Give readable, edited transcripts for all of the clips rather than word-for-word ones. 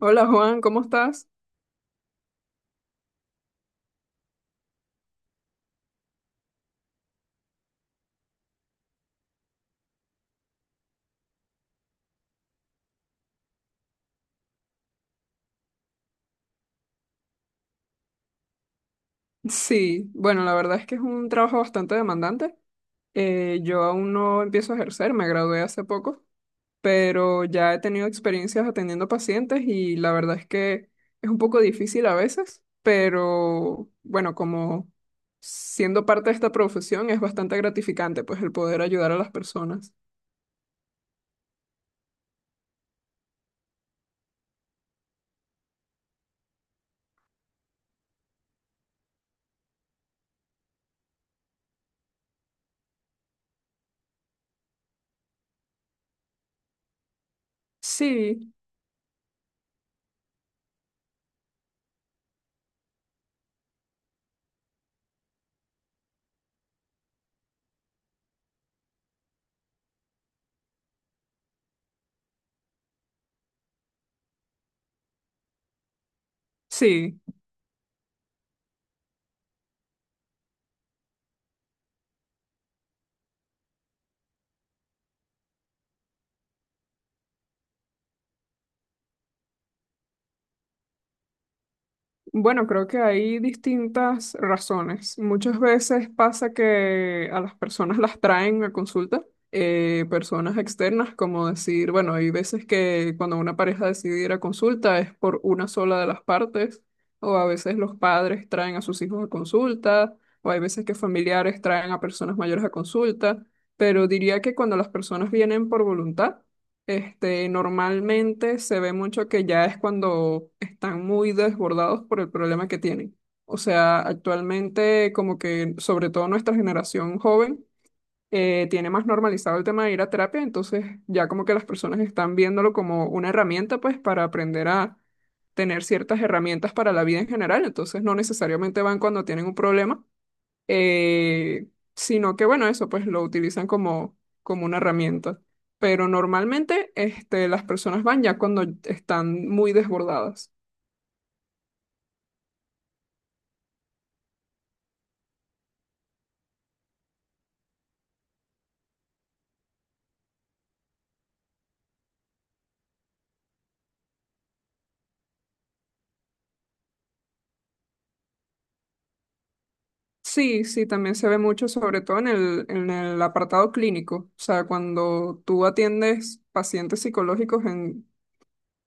Hola Juan, ¿cómo estás? Sí, bueno, la verdad es que es un trabajo bastante demandante. Yo aún no empiezo a ejercer, me gradué hace poco, pero ya he tenido experiencias atendiendo pacientes y la verdad es que es un poco difícil a veces, pero bueno, como siendo parte de esta profesión es bastante gratificante, pues el poder ayudar a las personas. Sí, sí. Bueno, creo que hay distintas razones. Muchas veces pasa que a las personas las traen a consulta, personas externas, como decir, bueno, hay veces que cuando una pareja decide ir a consulta es por una sola de las partes, o a veces los padres traen a sus hijos a consulta, o hay veces que familiares traen a personas mayores a consulta, pero diría que cuando las personas vienen por voluntad, este, normalmente se ve mucho que ya es cuando están muy desbordados por el problema que tienen. O sea, actualmente como que sobre todo nuestra generación joven tiene más normalizado el tema de ir a terapia, entonces ya como que las personas están viéndolo como una herramienta pues para aprender a tener ciertas herramientas para la vida en general, entonces no necesariamente van cuando tienen un problema eh, sino que bueno, eso pues lo utilizan como, como una herramienta. Pero normalmente este, las personas van ya cuando están muy desbordadas. Sí, sí, también se ve mucho, sobre todo en el apartado clínico. O sea, cuando tú atiendes pacientes psicológicos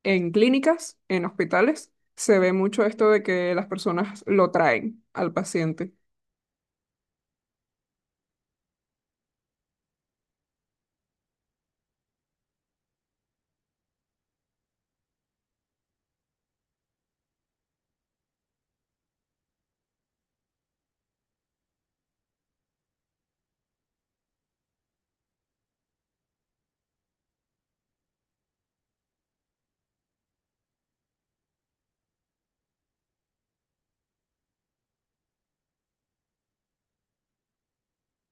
en clínicas, en hospitales, se ve mucho esto de que las personas lo traen al paciente.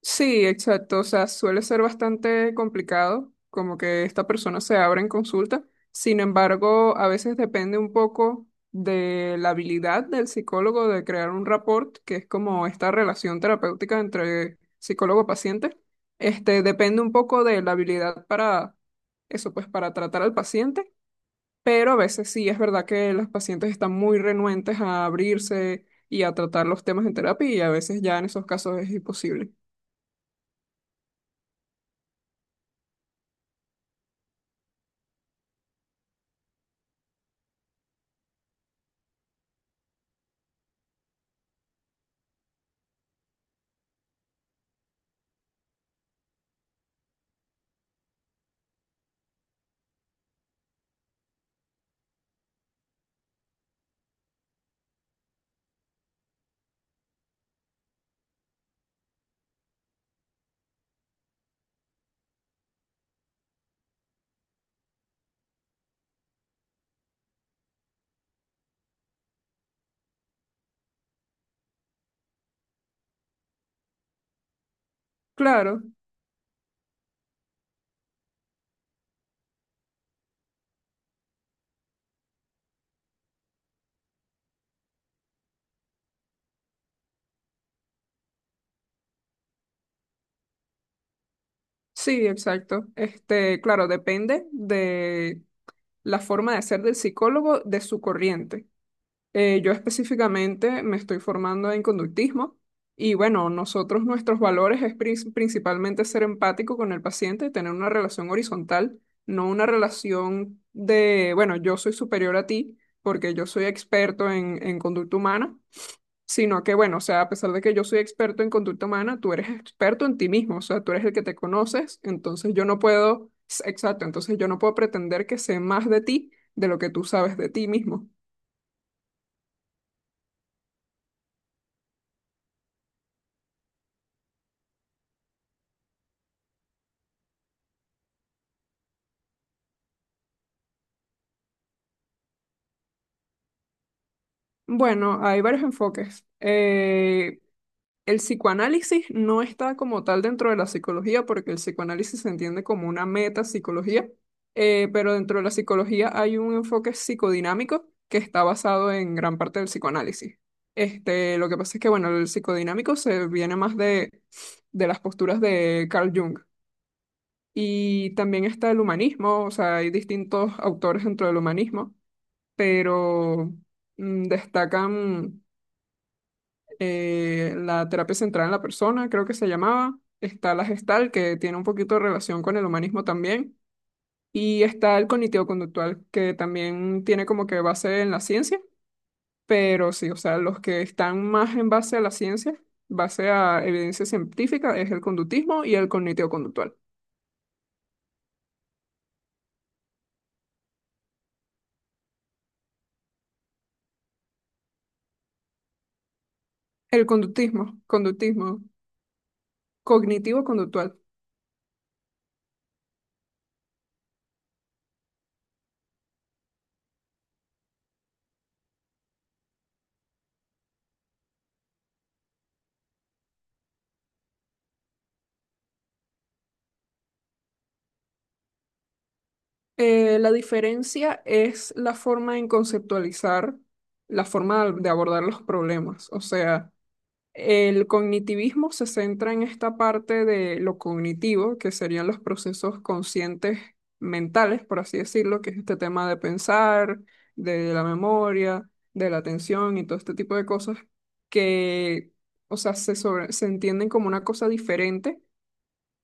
Sí, exacto. O sea, suele ser bastante complicado, como que esta persona se abra en consulta. Sin embargo, a veces depende un poco de la habilidad del psicólogo de crear un rapport, que es como esta relación terapéutica entre psicólogo-paciente. Este, depende un poco de la habilidad para eso, pues para tratar al paciente, pero a veces sí es verdad que los pacientes están muy renuentes a abrirse y a tratar los temas en terapia y a veces ya en esos casos es imposible. Claro, sí, exacto. Este, claro, depende de la forma de ser del psicólogo, de su corriente. Yo específicamente me estoy formando en conductismo y bueno, nosotros nuestros valores es principalmente ser empático con el paciente, tener una relación horizontal, no una relación de, bueno, yo soy superior a ti porque yo soy experto en conducta humana. Sino que, bueno, o sea, a pesar de que yo soy experto en conducta humana, tú eres experto en ti mismo, o sea, tú eres el que te conoces, entonces yo no puedo, exacto, entonces yo no puedo pretender que sé más de ti de lo que tú sabes de ti mismo. Bueno, hay varios enfoques. El psicoanálisis no está como tal dentro de la psicología, porque el psicoanálisis se entiende como una metapsicología, pero dentro de la psicología hay un enfoque psicodinámico que está basado en gran parte del psicoanálisis. Este, lo que pasa es que, bueno, el psicodinámico se viene más de las posturas de Carl Jung. Y también está el humanismo, o sea, hay distintos autores dentro del humanismo, pero destacan, la terapia central en la persona, creo que se llamaba. Está la gestal, que tiene un poquito de relación con el humanismo también. Y está el cognitivo-conductual, que también tiene como que base en la ciencia. Pero sí, o sea, los que están más en base a la ciencia, base a evidencia científica, es el conductismo y el cognitivo-conductual. El conductismo, conductismo, cognitivo-conductual. La diferencia es la forma en conceptualizar, la forma de abordar los problemas. O sea, el cognitivismo se centra en esta parte de lo cognitivo, que serían los procesos conscientes mentales, por así decirlo, que es este tema de pensar, de la memoria, de la atención y todo este tipo de cosas que, o sea, se entienden como una cosa diferente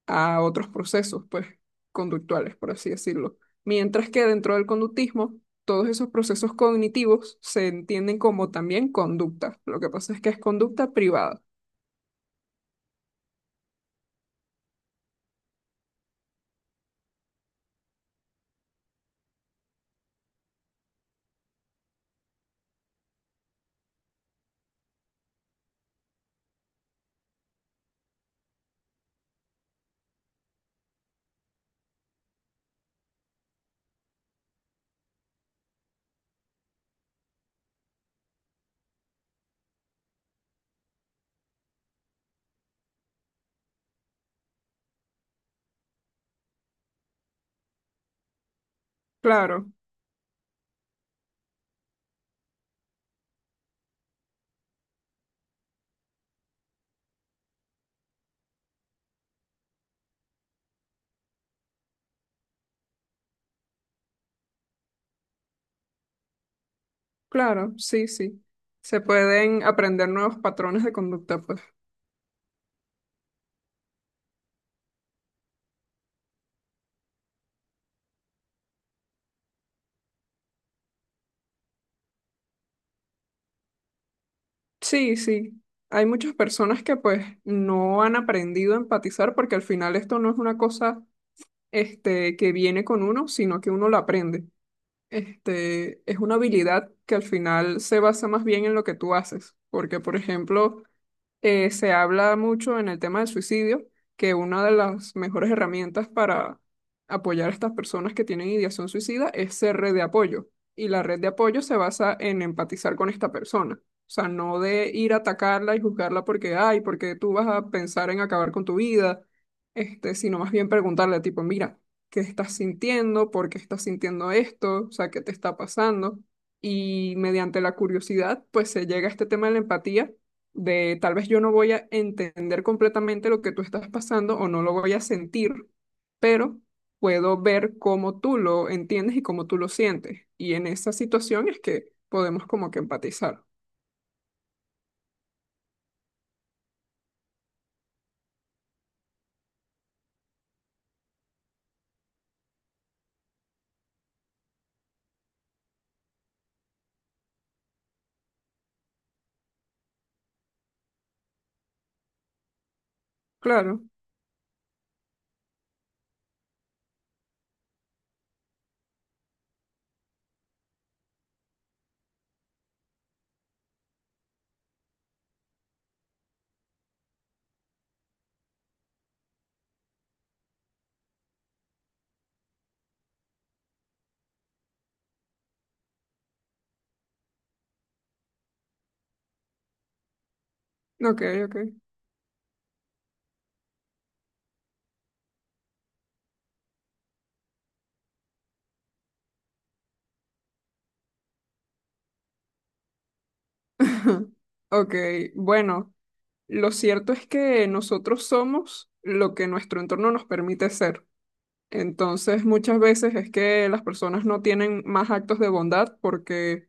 a otros procesos, pues, conductuales, por así decirlo. Mientras que dentro del conductismo, todos esos procesos cognitivos se entienden como también conducta. Lo que pasa es que es conducta privada. Claro, claro, sí, sí. Se pueden aprender nuevos patrones de conducta, pues. Sí, sí. Hay muchas personas que pues no han aprendido a empatizar porque al final esto no es una cosa este que viene con uno, sino que uno la aprende. Este es una habilidad que al final se basa más bien en lo que tú haces, porque por ejemplo, se habla mucho en el tema del suicidio, que una de las mejores herramientas para apoyar a estas personas que tienen ideación suicida es ser red de apoyo. Y la red de apoyo se basa en empatizar con esta persona. O sea, no de ir a atacarla y juzgarla porque, ay, porque tú vas a pensar en acabar con tu vida, este, sino más bien preguntarle, tipo, mira, ¿qué estás sintiendo? ¿Por qué estás sintiendo esto? O sea, ¿qué te está pasando? Y mediante la curiosidad, pues se llega a este tema de la empatía de tal vez yo no voy a entender completamente lo que tú estás pasando o no lo voy a sentir, pero puedo ver cómo tú lo entiendes y cómo tú lo sientes. Y en esa situación es que podemos como que empatizar. Claro, ok, ok. Ok, bueno, lo cierto es que nosotros somos lo que nuestro entorno nos permite ser. Entonces, muchas veces es que las personas no tienen más actos de bondad porque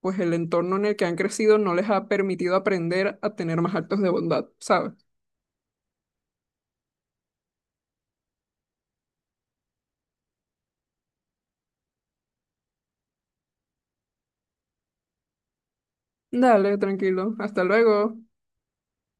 pues el entorno en el que han crecido no les ha permitido aprender a tener más actos de bondad, ¿sabes? Dale, tranquilo. Hasta luego.